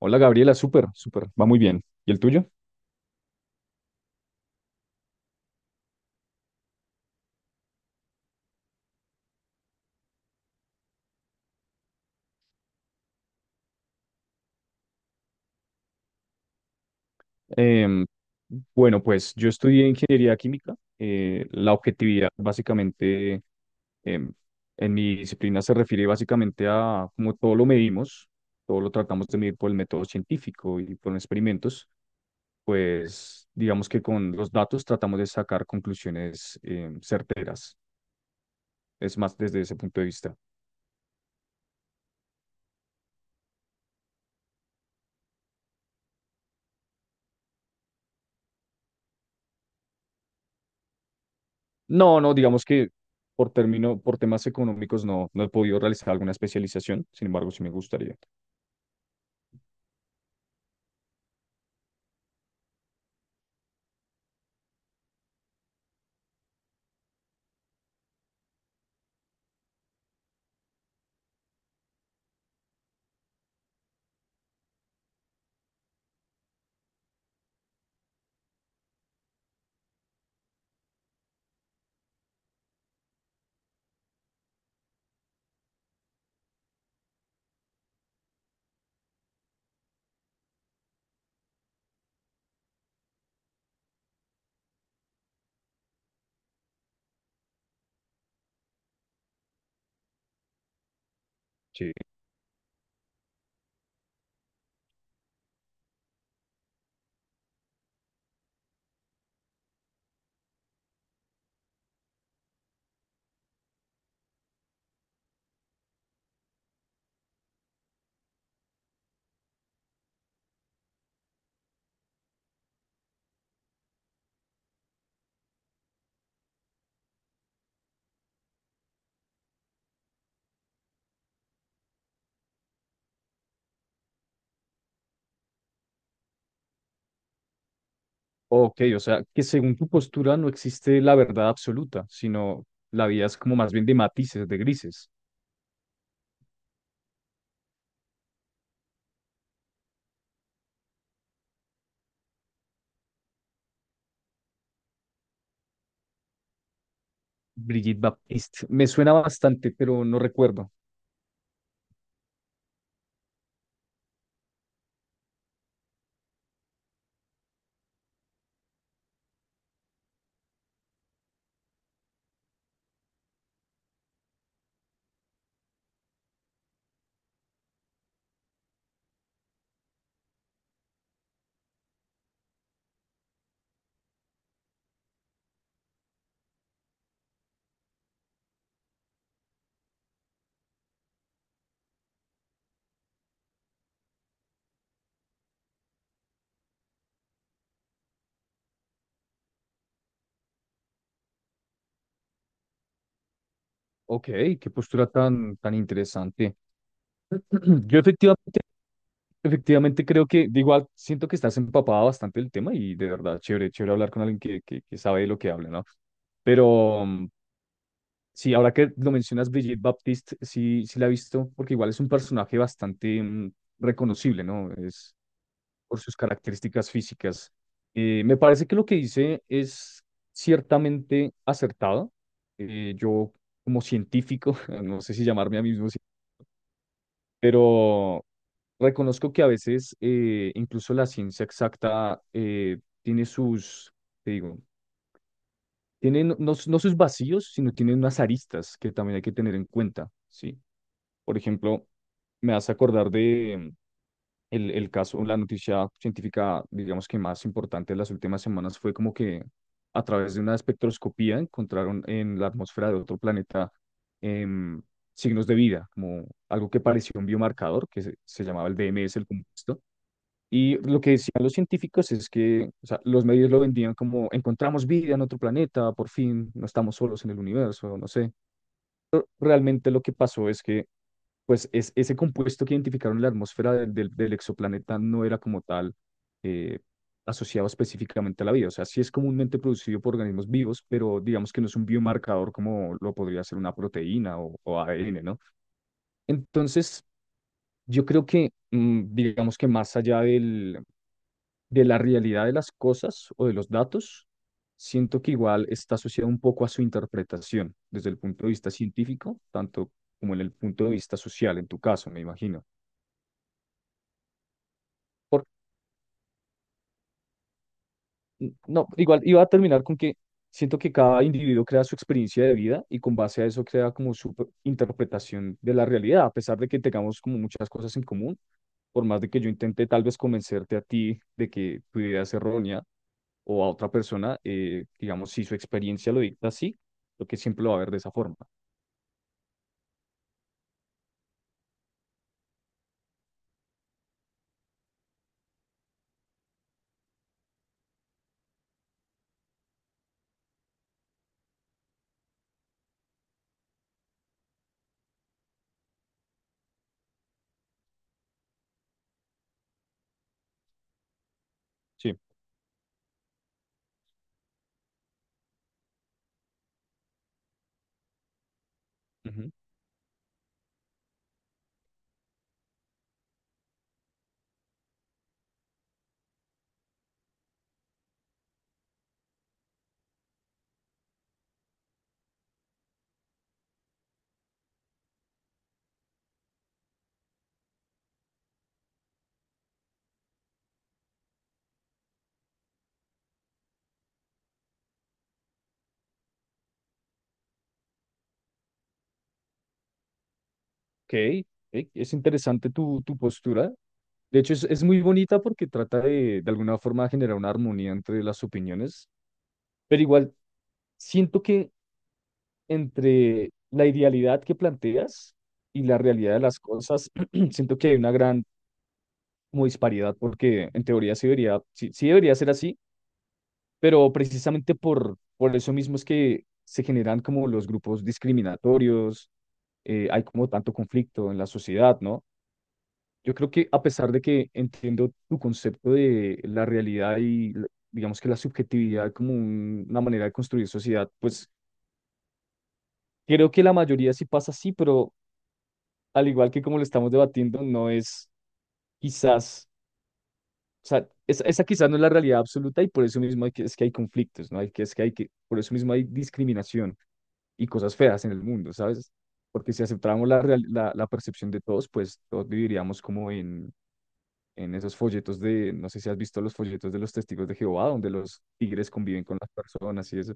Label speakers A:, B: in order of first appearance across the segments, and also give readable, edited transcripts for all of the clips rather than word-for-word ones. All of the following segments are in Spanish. A: Hola Gabriela, súper, súper, va muy bien. ¿Y el tuyo? Em, bueno, pues yo estudié ingeniería química. La objetividad básicamente em, en mi disciplina se refiere básicamente a cómo todo lo medimos, todo lo tratamos de medir por el método científico y por experimentos, pues digamos que con los datos tratamos de sacar conclusiones certeras. Es más desde ese punto de vista. No, no, digamos que por temas económicos no, no he podido realizar alguna especialización, sin embargo, sí me gustaría. Sí. Ok, o sea, que según tu postura no existe la verdad absoluta, sino la vida es como más bien de matices, de grises. Brigitte Baptiste, me suena bastante, pero no recuerdo. Ok, qué postura tan, tan interesante. Yo efectivamente creo que, de igual, siento que estás empapada bastante del tema y de verdad, chévere hablar con alguien que, que sabe de lo que habla, ¿no? Pero, sí, ahora que lo mencionas, Brigitte Baptiste, sí, sí la he visto, porque igual es un personaje bastante reconocible, ¿no? Es por sus características físicas. Me parece que lo que dice es ciertamente acertado. Yo, como científico, no sé si llamarme a mí mismo, pero reconozco que a veces incluso la ciencia exacta tiene sus, te digo, tienen no, no sus vacíos, sino tienen unas aristas que también hay que tener en cuenta, ¿sí? Por ejemplo, me hace acordar el caso, la noticia científica, digamos que más importante de las últimas semanas fue como que a través de una espectroscopía encontraron en la atmósfera de otro planeta em, signos de vida, como algo que parecía un biomarcador, que se llamaba el DMS, el compuesto, y lo que decían los científicos es que, o sea, los medios lo vendían como encontramos vida en otro planeta, por fin no estamos solos en el universo, no sé. Realmente lo que pasó es que, pues, es, ese compuesto que identificaron en la atmósfera del exoplaneta no era como tal eh, asociado específicamente a la vida. O sea, sí es comúnmente producido por organismos vivos, pero digamos que no es un biomarcador como lo podría ser una proteína o ADN, ¿no? Entonces, yo creo que, digamos que más allá del de la realidad de las cosas o de los datos, siento que igual está asociado un poco a su interpretación desde el punto de vista científico, tanto como en el punto de vista social, en tu caso, me imagino. No, igual iba a terminar con que siento que cada individuo crea su experiencia de vida y con base a eso crea como su interpretación de la realidad, a pesar de que tengamos como muchas cosas en común, por más de que yo intente tal vez convencerte a ti de que tu idea es errónea o a otra persona, digamos, si su experiencia lo dicta así, lo que siempre lo va a ver de esa forma. Sí. Ujú. Ok, ok, es interesante tu, tu postura. De hecho, es muy bonita porque trata de alguna forma, generar una armonía entre las opiniones, pero igual siento que entre la idealidad que planteas y la realidad de las cosas, siento que hay una gran como disparidad porque en teoría sí debería, sí, sí debería ser así, pero precisamente por eso mismo es que se generan como los grupos discriminatorios, hay como tanto conflicto en la sociedad, ¿no? Yo creo que a pesar de que entiendo tu concepto de la realidad y digamos que la subjetividad como una manera de construir sociedad, pues creo que la mayoría sí pasa así, pero al igual que como lo estamos debatiendo, no es quizás, o sea, esa quizás no es la realidad absoluta y por eso mismo hay que, es que hay conflictos, ¿no? Hay que, es que hay que, por eso mismo hay discriminación y cosas feas en el mundo, ¿sabes? Porque si aceptáramos la, la percepción de todos, pues todos viviríamos como en esos folletos de, no sé si has visto los folletos de los testigos de Jehová, donde los tigres conviven con las personas y eso,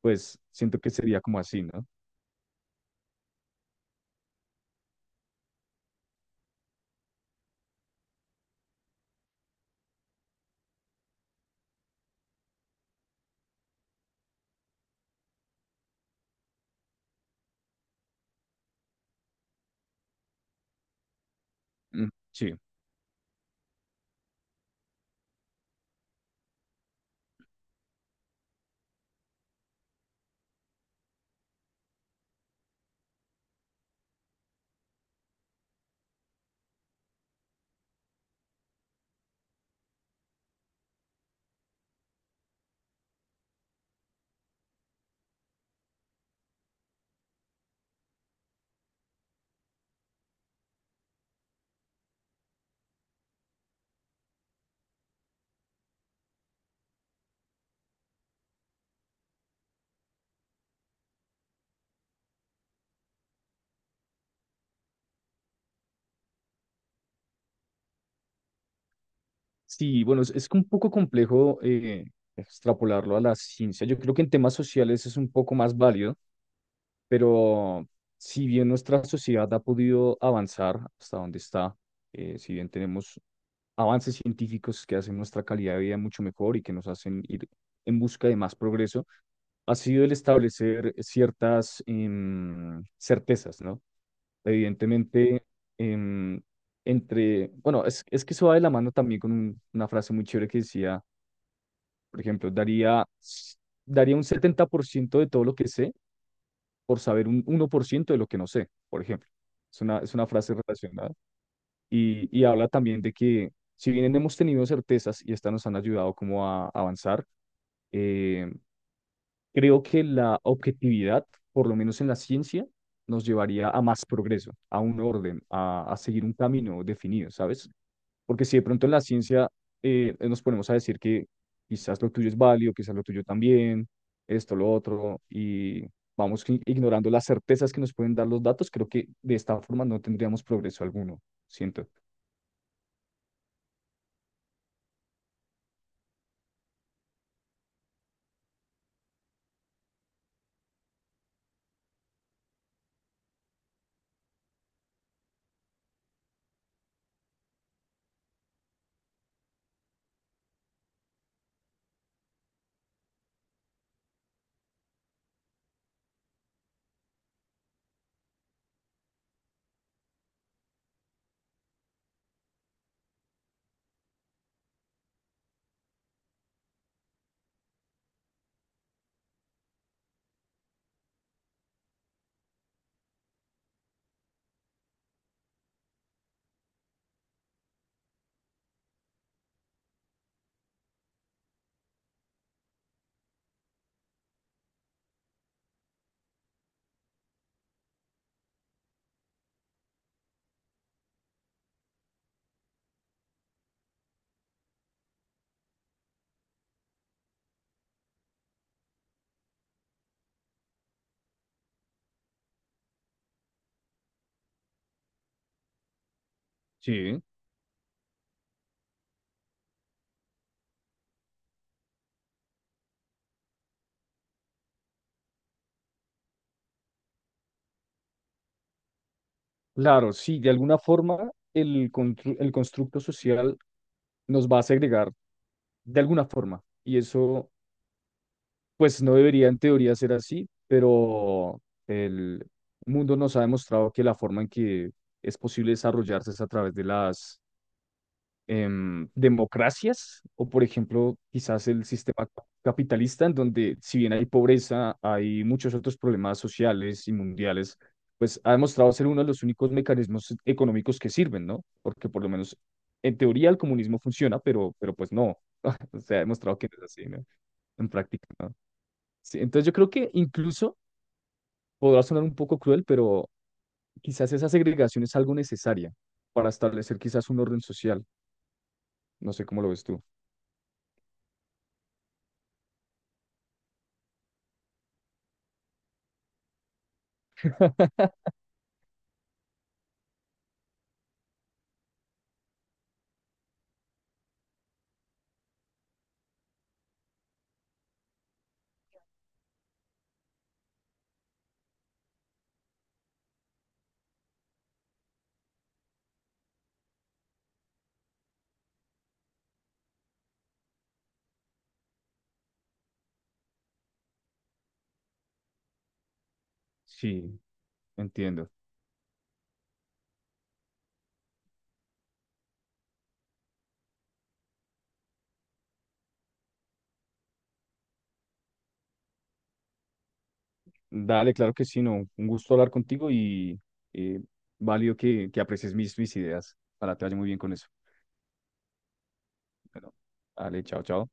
A: pues siento que sería como así, ¿no? Mm, sí. Sí, bueno, es un poco complejo extrapolarlo a la ciencia. Yo creo que en temas sociales es un poco más válido, pero si bien nuestra sociedad ha podido avanzar hasta donde está, si bien tenemos avances científicos que hacen nuestra calidad de vida mucho mejor y que nos hacen ir en busca de más progreso, ha sido el establecer ciertas certezas, ¿no? Evidentemente, em, entre, bueno, es que eso va de la mano también con una frase muy chévere que decía, por ejemplo, daría un 70% de todo lo que sé por saber un 1% de lo que no sé, por ejemplo. Es una frase relacionada y habla también de que si bien hemos tenido certezas y estas nos han ayudado como a avanzar, eh, creo que la objetividad, por lo menos en la ciencia, nos llevaría a más progreso, a un orden, a seguir un camino definido, ¿sabes? Porque si de pronto en la ciencia nos ponemos a decir que quizás lo tuyo es válido, quizás lo tuyo también, esto, lo otro, y vamos ignorando las certezas que nos pueden dar los datos, creo que de esta forma no tendríamos progreso alguno, siento. Sí. Claro, sí, de alguna forma el constructo social nos va a segregar de alguna forma. Y eso pues no debería en teoría ser así, pero el mundo nos ha demostrado que la forma en que es posible desarrollarse es a través de las democracias o, por ejemplo, quizás el sistema capitalista, en donde si bien hay pobreza, hay muchos otros problemas sociales y mundiales, pues ha demostrado ser uno de los únicos mecanismos económicos que sirven, ¿no? Porque por lo menos en teoría el comunismo funciona, pero pues no, se ha demostrado que no es así, ¿no? En práctica, ¿no? Sí, entonces yo creo que incluso podrá sonar un poco cruel, pero quizás esa segregación es algo necesaria para establecer quizás un orden social. No sé cómo lo ves tú. Sí, entiendo. Dale, claro que sí, no. Un gusto hablar contigo y eh, válido que aprecies mis, mis ideas. Para te vaya muy bien con eso. Bueno, dale, chao, chao.